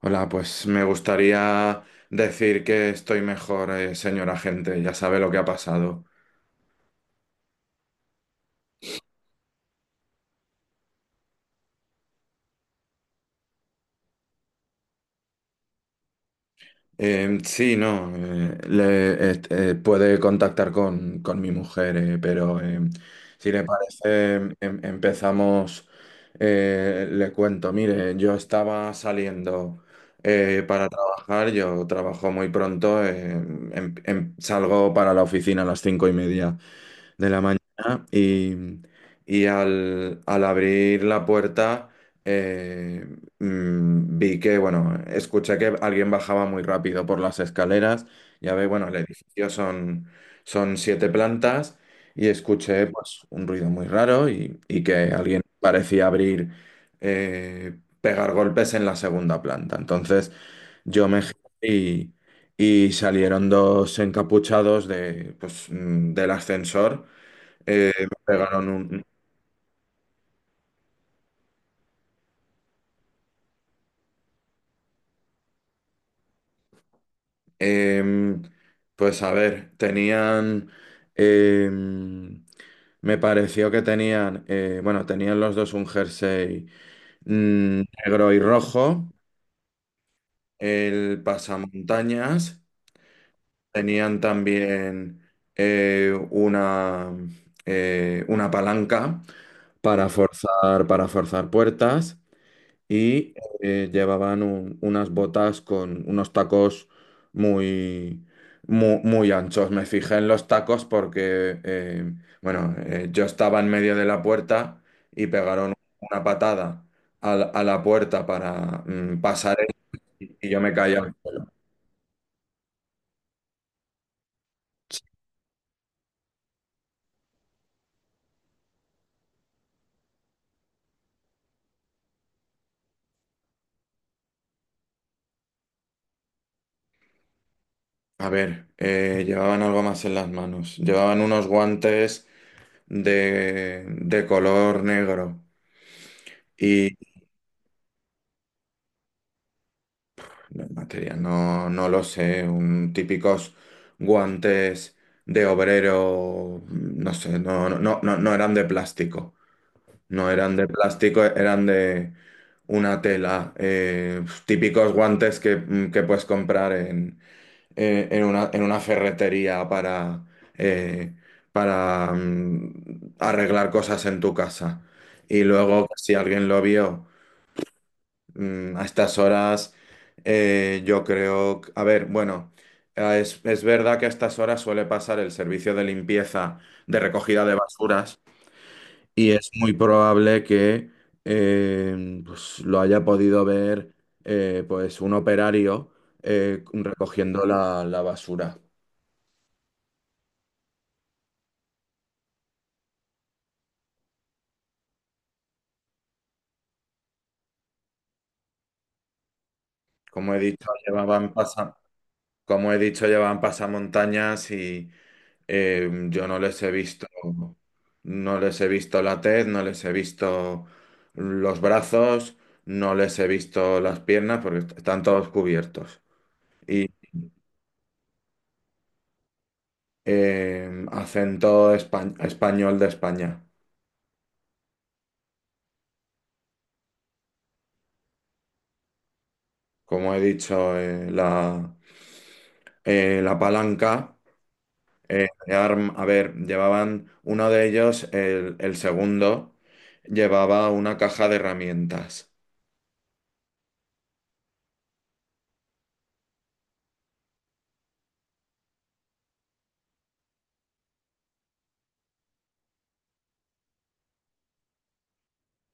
Hola, pues me gustaría decir que estoy mejor, señora agente, ya sabe lo que ha pasado. Sí, no, puede contactar con mi mujer, pero si le parece, empezamos. Le cuento, mire, yo estaba saliendo para trabajar. Yo trabajo muy pronto, salgo para la oficina a las 5:30 de la mañana. Y al abrir la puerta, eh, vi que, bueno, escuché que alguien bajaba muy rápido por las escaleras. Ya ve, bueno, el edificio son siete plantas, y escuché pues un ruido muy raro, y que alguien parecía abrir, pegar golpes en la segunda planta. Entonces yo me giré y salieron dos encapuchados de, pues, del ascensor. Me pegaron un. em, pues, a ver, tenían. em, Me pareció que tenían. Bueno, tenían los dos un jersey negro y rojo. El pasamontañas. Tenían también eh, una, una palanca para forzar, puertas. y Llevaban unas botas con unos tacos muy, anchos. Me fijé en los tacos porque, bueno, yo estaba en medio de la puerta, y pegaron una patada a la puerta para pasar, y yo me caí. A ver, llevaban algo más en las manos. Llevaban unos guantes de color negro. Los materiales, no, no lo sé, un típicos guantes de obrero, no sé, no, no, no, no no eran de plástico, no eran de plástico, eran de una tela, típicos guantes que, que puedes comprar en una ferretería para, eh, arreglar cosas en tu casa. Y luego, si alguien lo vio. A estas horas, yo creo, a ver, bueno, es verdad que a estas horas suele pasar el servicio de limpieza, de recogida de basuras, y es muy probable que pues, lo haya podido ver pues un operario recogiendo la basura. Como he dicho, llevaban como he dicho, llevaban pasamontañas. Yo no les he visto, no les he visto la tez, no les he visto los brazos, no les he visto las piernas porque están todos cubiertos. Y acento español de España. Como he dicho, la palanca, a ver, llevaban uno de ellos, el segundo, llevaba una caja de herramientas.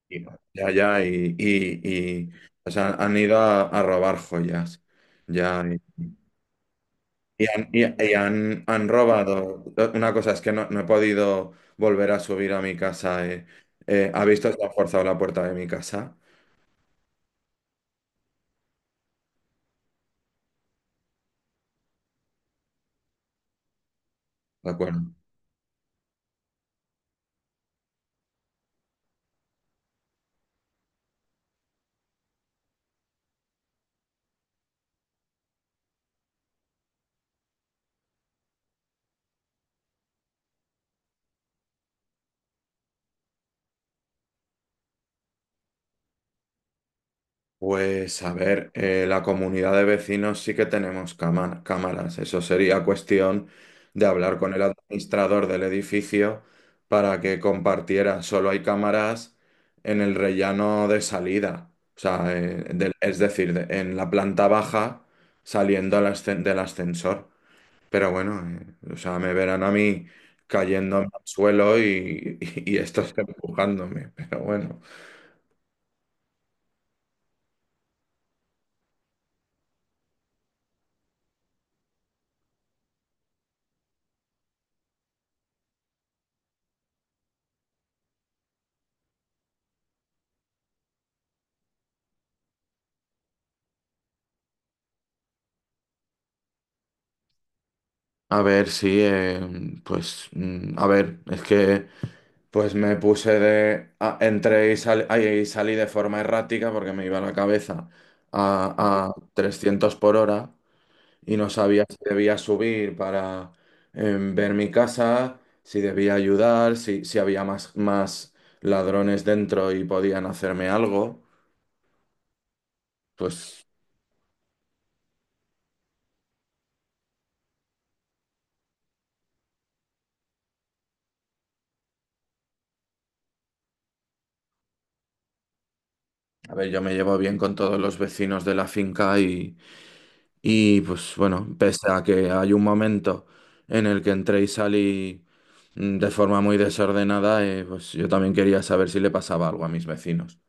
Y no. Ya, ya, y, o sea, han ido a, robar joyas. Ya, y han robado. Una cosa es que no, no he podido volver a subir a mi casa. ¿Ha visto que ha forzado la puerta de mi casa? ¿De acuerdo? Pues a ver, la comunidad de vecinos sí que tenemos cámaras. Eso sería cuestión de hablar con el administrador del edificio para que compartiera. Solo hay cámaras en el rellano de salida. O sea, es decir, en la planta baja saliendo del ascensor. Pero bueno, o sea, me verán a mí cayéndome al suelo y, y estos empujándome. Pero bueno. A ver, sí, pues, a ver, es que pues me puse de. Entré y, salí de forma errática porque me iba la cabeza a, 300 por hora, y no sabía si debía subir para ver mi casa, si debía ayudar, si había más ladrones dentro y podían hacerme algo. Pues, a ver, yo me llevo bien con todos los vecinos de la finca. Y pues bueno, pese a que hay un momento en el que entré y salí de forma muy desordenada, pues yo también quería saber si le pasaba algo a mis vecinos.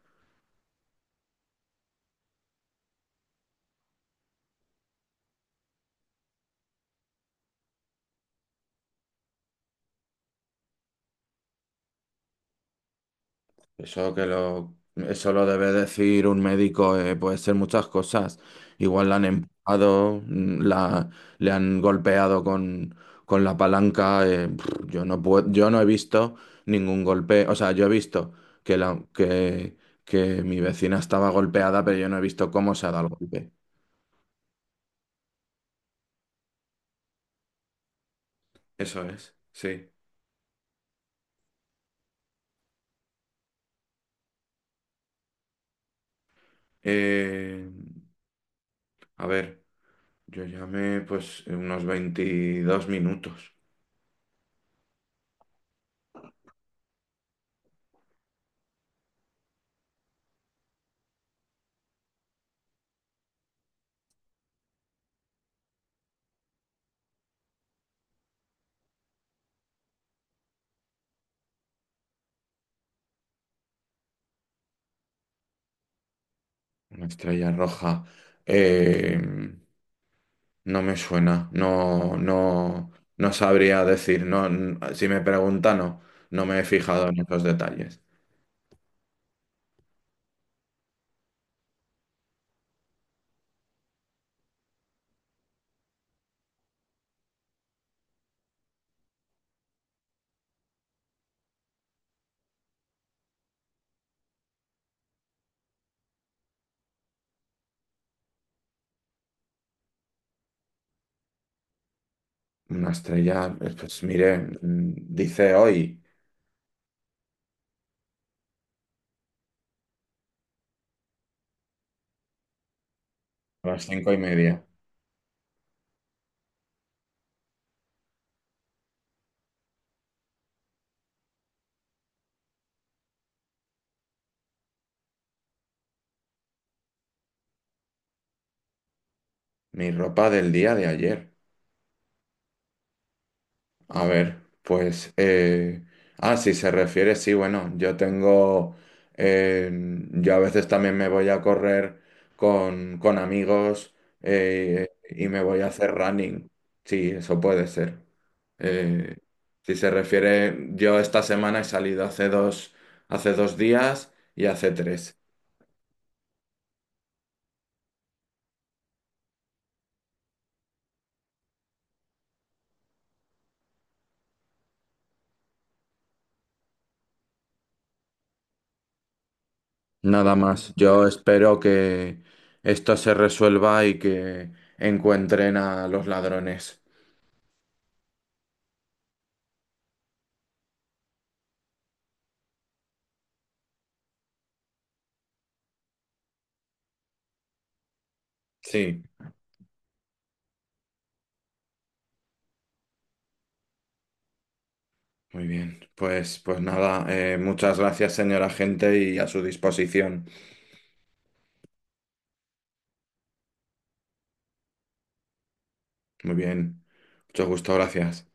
Eso lo debe decir un médico, puede ser muchas cosas. Igual la han empujado, le han golpeado con la palanca. Yo no puedo, yo no he visto ningún golpe. O sea, yo he visto que, la, que, que mi vecina estaba golpeada, pero yo no he visto cómo se ha dado el golpe. Eso es, sí. Eh, a ver, yo llamé pues unos 22 minutos. Una estrella roja. Eh, No me suena, no, no, no sabría decir, no, si me pregunta, no, no me he fijado en esos detalles. Una estrella, pues mire, dice hoy, a las 5:30. Mi ropa del día de ayer. A ver, pues. Ah, si se refiere, sí, bueno, yo tengo. eh, Yo a veces también me voy a correr con amigos, y me voy a hacer running. Sí, eso puede ser. Eh, si se refiere, yo esta semana he salido hace 2 días y hace tres. Nada más. Yo espero que esto se resuelva y que encuentren a los ladrones. Sí. Muy bien, pues nada, muchas gracias, señora agente, y a su disposición. Muy bien, mucho gusto, gracias.